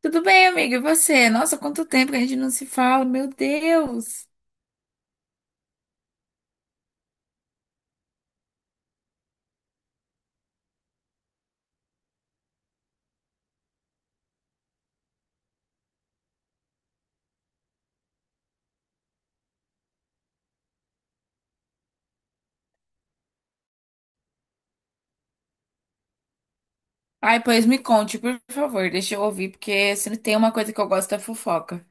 Tudo bem, amiga? E você? Nossa, quanto tempo que a gente não se fala, meu Deus! Ai, pois me conte, por favor, deixa eu ouvir, porque se não tem uma coisa que eu gosto é fofoca.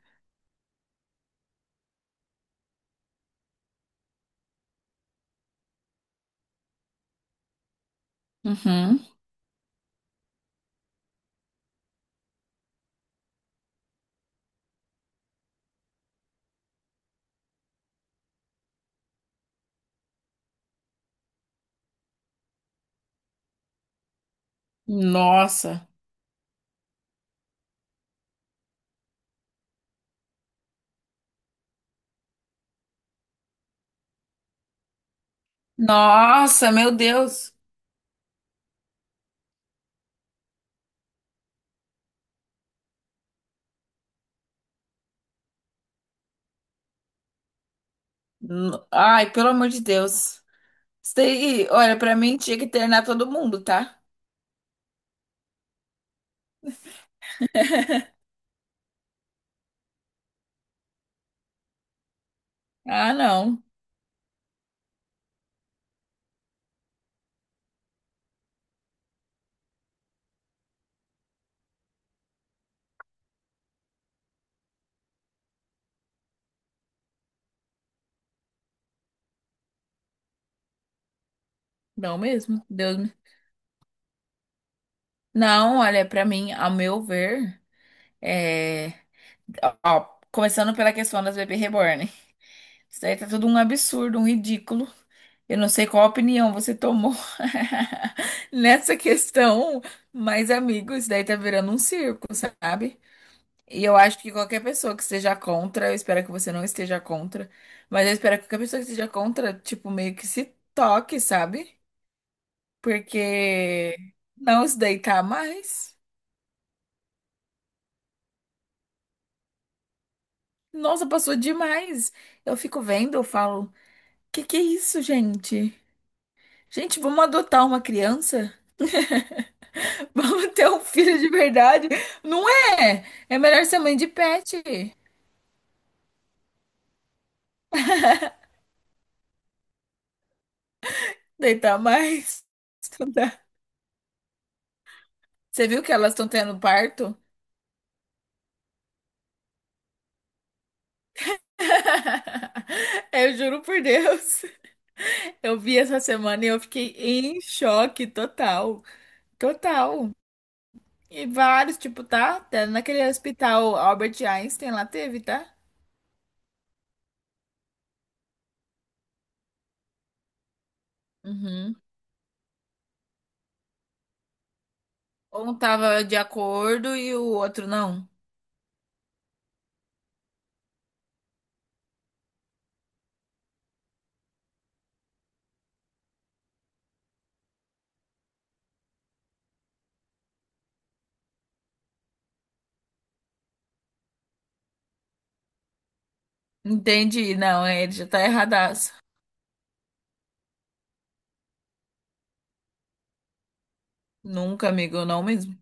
Uhum. Nossa. Nossa, meu Deus! Ai, pelo amor de Deus. Isso daí, olha, pra mim tinha que internar todo mundo, tá? Ah, não. Não mesmo. Deus me... Não, olha, pra mim, ao meu ver, é... Ó, ó, começando pela questão das bebês reborn. Isso daí tá tudo um absurdo, um ridículo. Eu não sei qual opinião você tomou nessa questão, mas, amigos, isso daí tá virando um circo, sabe? E eu acho que qualquer pessoa que esteja contra, eu espero que você não esteja contra, mas eu espero que qualquer pessoa que esteja contra, tipo, meio que se toque, sabe? Porque não se deitar mais. Nossa, passou demais. Eu fico vendo, eu falo, que é isso, gente? Gente, vamos adotar uma criança? Vamos ter um filho de verdade? Não é! É melhor ser mãe de pet. Deitar mais. Estudar. Você viu que elas estão tendo parto? Eu juro por Deus. Eu vi essa semana e eu fiquei em choque total. Total. E vários, tipo, tá? Tá naquele hospital Albert Einstein lá teve, tá? Uhum. Um tava de acordo e o outro não. Entendi. Não, ele já tá erradaço. Nunca, amigo, não mesmo.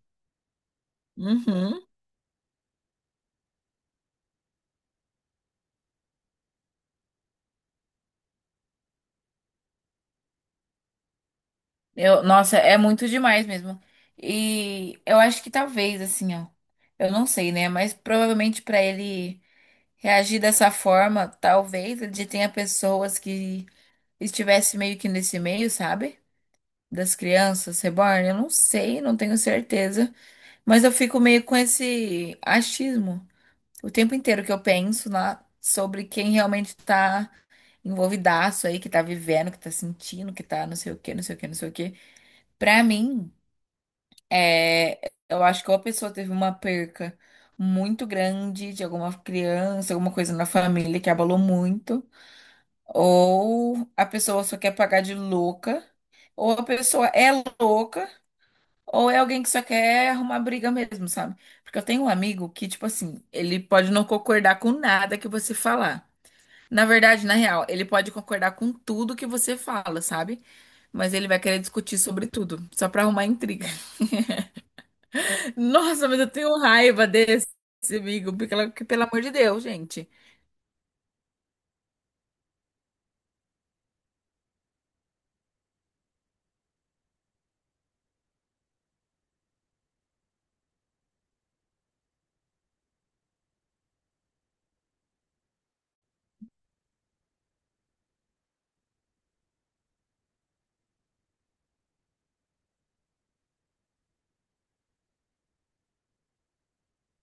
Uhum. Eu, nossa, é muito demais mesmo. E eu acho que talvez, assim, ó. Eu não sei, né? Mas provavelmente pra ele reagir dessa forma, talvez ele tenha pessoas que estivesse meio que nesse meio, sabe? Das crianças reborn. Eu não sei, não tenho certeza. Mas eu fico meio com esse achismo. O tempo inteiro que eu penso lá sobre quem realmente tá envolvidaço aí, que tá vivendo, que tá sentindo, que tá não sei o quê, não sei o quê, não sei o quê. Pra mim, é, eu acho que ou a pessoa teve uma perca muito grande de alguma criança, alguma coisa na família que abalou muito, ou a pessoa só quer pagar de louca, ou a pessoa é louca, ou é alguém que só quer arrumar briga mesmo, sabe? Porque eu tenho um amigo que, tipo assim, ele pode não concordar com nada que você falar. Na verdade, na real, ele pode concordar com tudo que você fala, sabe? Mas ele vai querer discutir sobre tudo, só pra arrumar intriga. Nossa, mas eu tenho raiva desse amigo, porque, que, pelo amor de Deus, gente.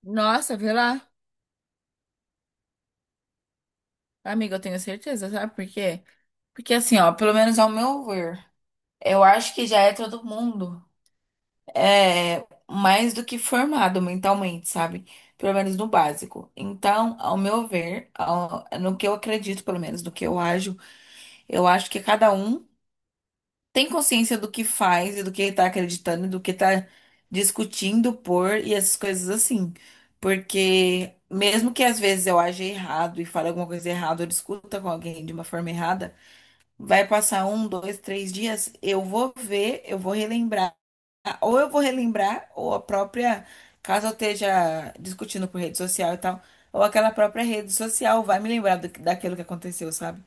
Nossa, vê lá. Amiga, eu tenho certeza, sabe por quê? Porque assim, ó, pelo menos ao meu ver, eu acho que já é todo mundo é mais do que formado mentalmente, sabe? Pelo menos no básico. Então, ao meu ver, no que eu acredito, pelo menos, no que eu ajo, eu acho que cada um tem consciência do que faz e do que tá acreditando, e do que tá discutindo por e essas coisas assim. Porque mesmo que às vezes eu aja errado e fale alguma coisa errada, ou discuta com alguém de uma forma errada, vai passar um, dois, três dias, eu vou ver, eu vou relembrar. Ah, ou eu vou relembrar, ou a própria, caso eu esteja discutindo por rede social e tal, ou aquela própria rede social vai me lembrar daquilo que aconteceu, sabe?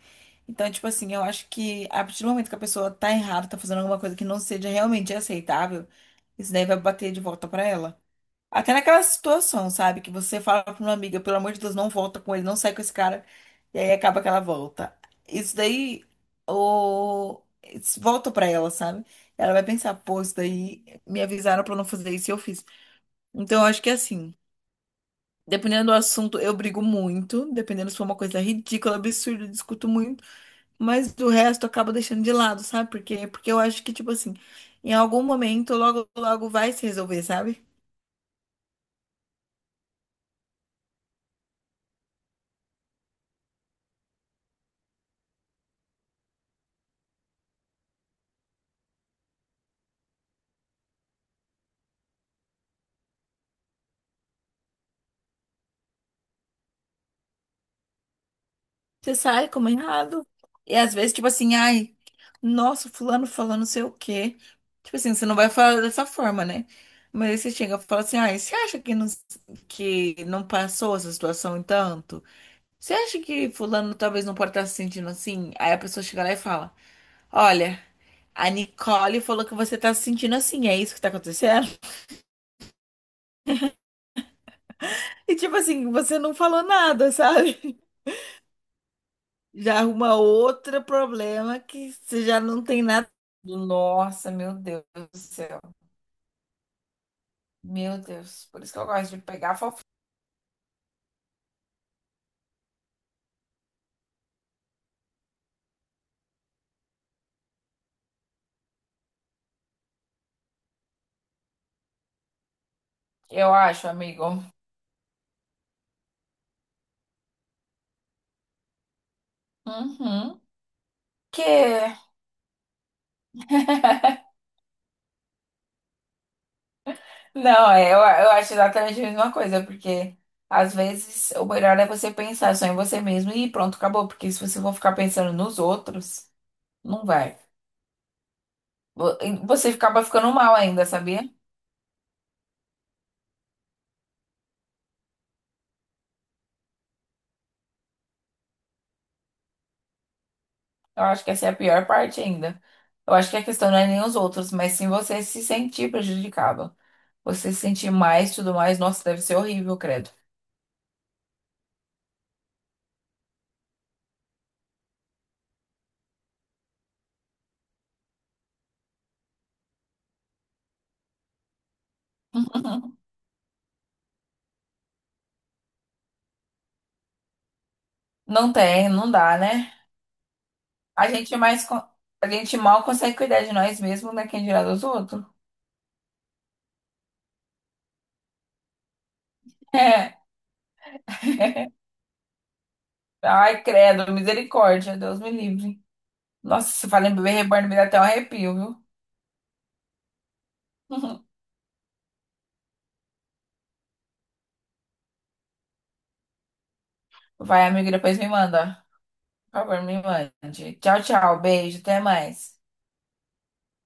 Então, tipo assim, eu acho que a partir do momento que a pessoa tá errada, tá fazendo alguma coisa que não seja realmente aceitável, isso daí vai bater de volta pra ela. Até naquela situação, sabe? Que você fala pra uma amiga, pelo amor de Deus, não volta com ele, não sai com esse cara, e aí acaba que ela volta. Isso daí, isso volta pra ela, sabe? Ela vai pensar, pô, isso daí me avisaram pra eu não fazer isso e eu fiz. Então, eu acho que é assim, dependendo do assunto, eu brigo muito, dependendo se for uma coisa ridícula, absurda, eu discuto muito, mas do resto eu acabo deixando de lado, sabe? Porque eu acho que, tipo assim, em algum momento, logo, logo vai se resolver, sabe? Você sai como errado. E às vezes, tipo assim, ai, nossa, fulano falando não sei o quê. Tipo assim, você não vai falar dessa forma, né? Mas aí você chega e fala assim, ai, você acha que não passou essa situação em tanto? Você acha que fulano talvez não pode estar se sentindo assim? Aí a pessoa chega lá e fala, olha, a Nicole falou que você tá se sentindo assim, é isso que tá acontecendo? E tipo assim, você não falou nada, sabe? Já arruma outro problema que você já não tem nada. Nossa, meu Deus do céu. Meu Deus. Por isso que eu gosto de pegar fofoca. Eu acho, amigo. Uhum. Que. Não, é, eu acho exatamente a mesma coisa, porque às vezes o melhor é você pensar só em você mesmo e pronto, acabou. Porque se você for ficar pensando nos outros, não vai. E você acaba ficando mal ainda, sabia? Eu acho que essa é a pior parte ainda. Eu acho que a questão não é nem os outros, mas sim você se sentir prejudicado. Você se sentir mais, tudo mais. Nossa, deve ser horrível, credo. Não tem, não dá, né? A gente mais, con- a gente mal consegue cuidar de nós mesmos, né? Quem dirá dos outros? É. Ai, credo, misericórdia, Deus me livre. Nossa, se fala em bebê reborn, me dá até um arrepio, viu? Vai, amigo, depois me manda. Por favor, me mande. Tchau, tchau, beijo, até mais.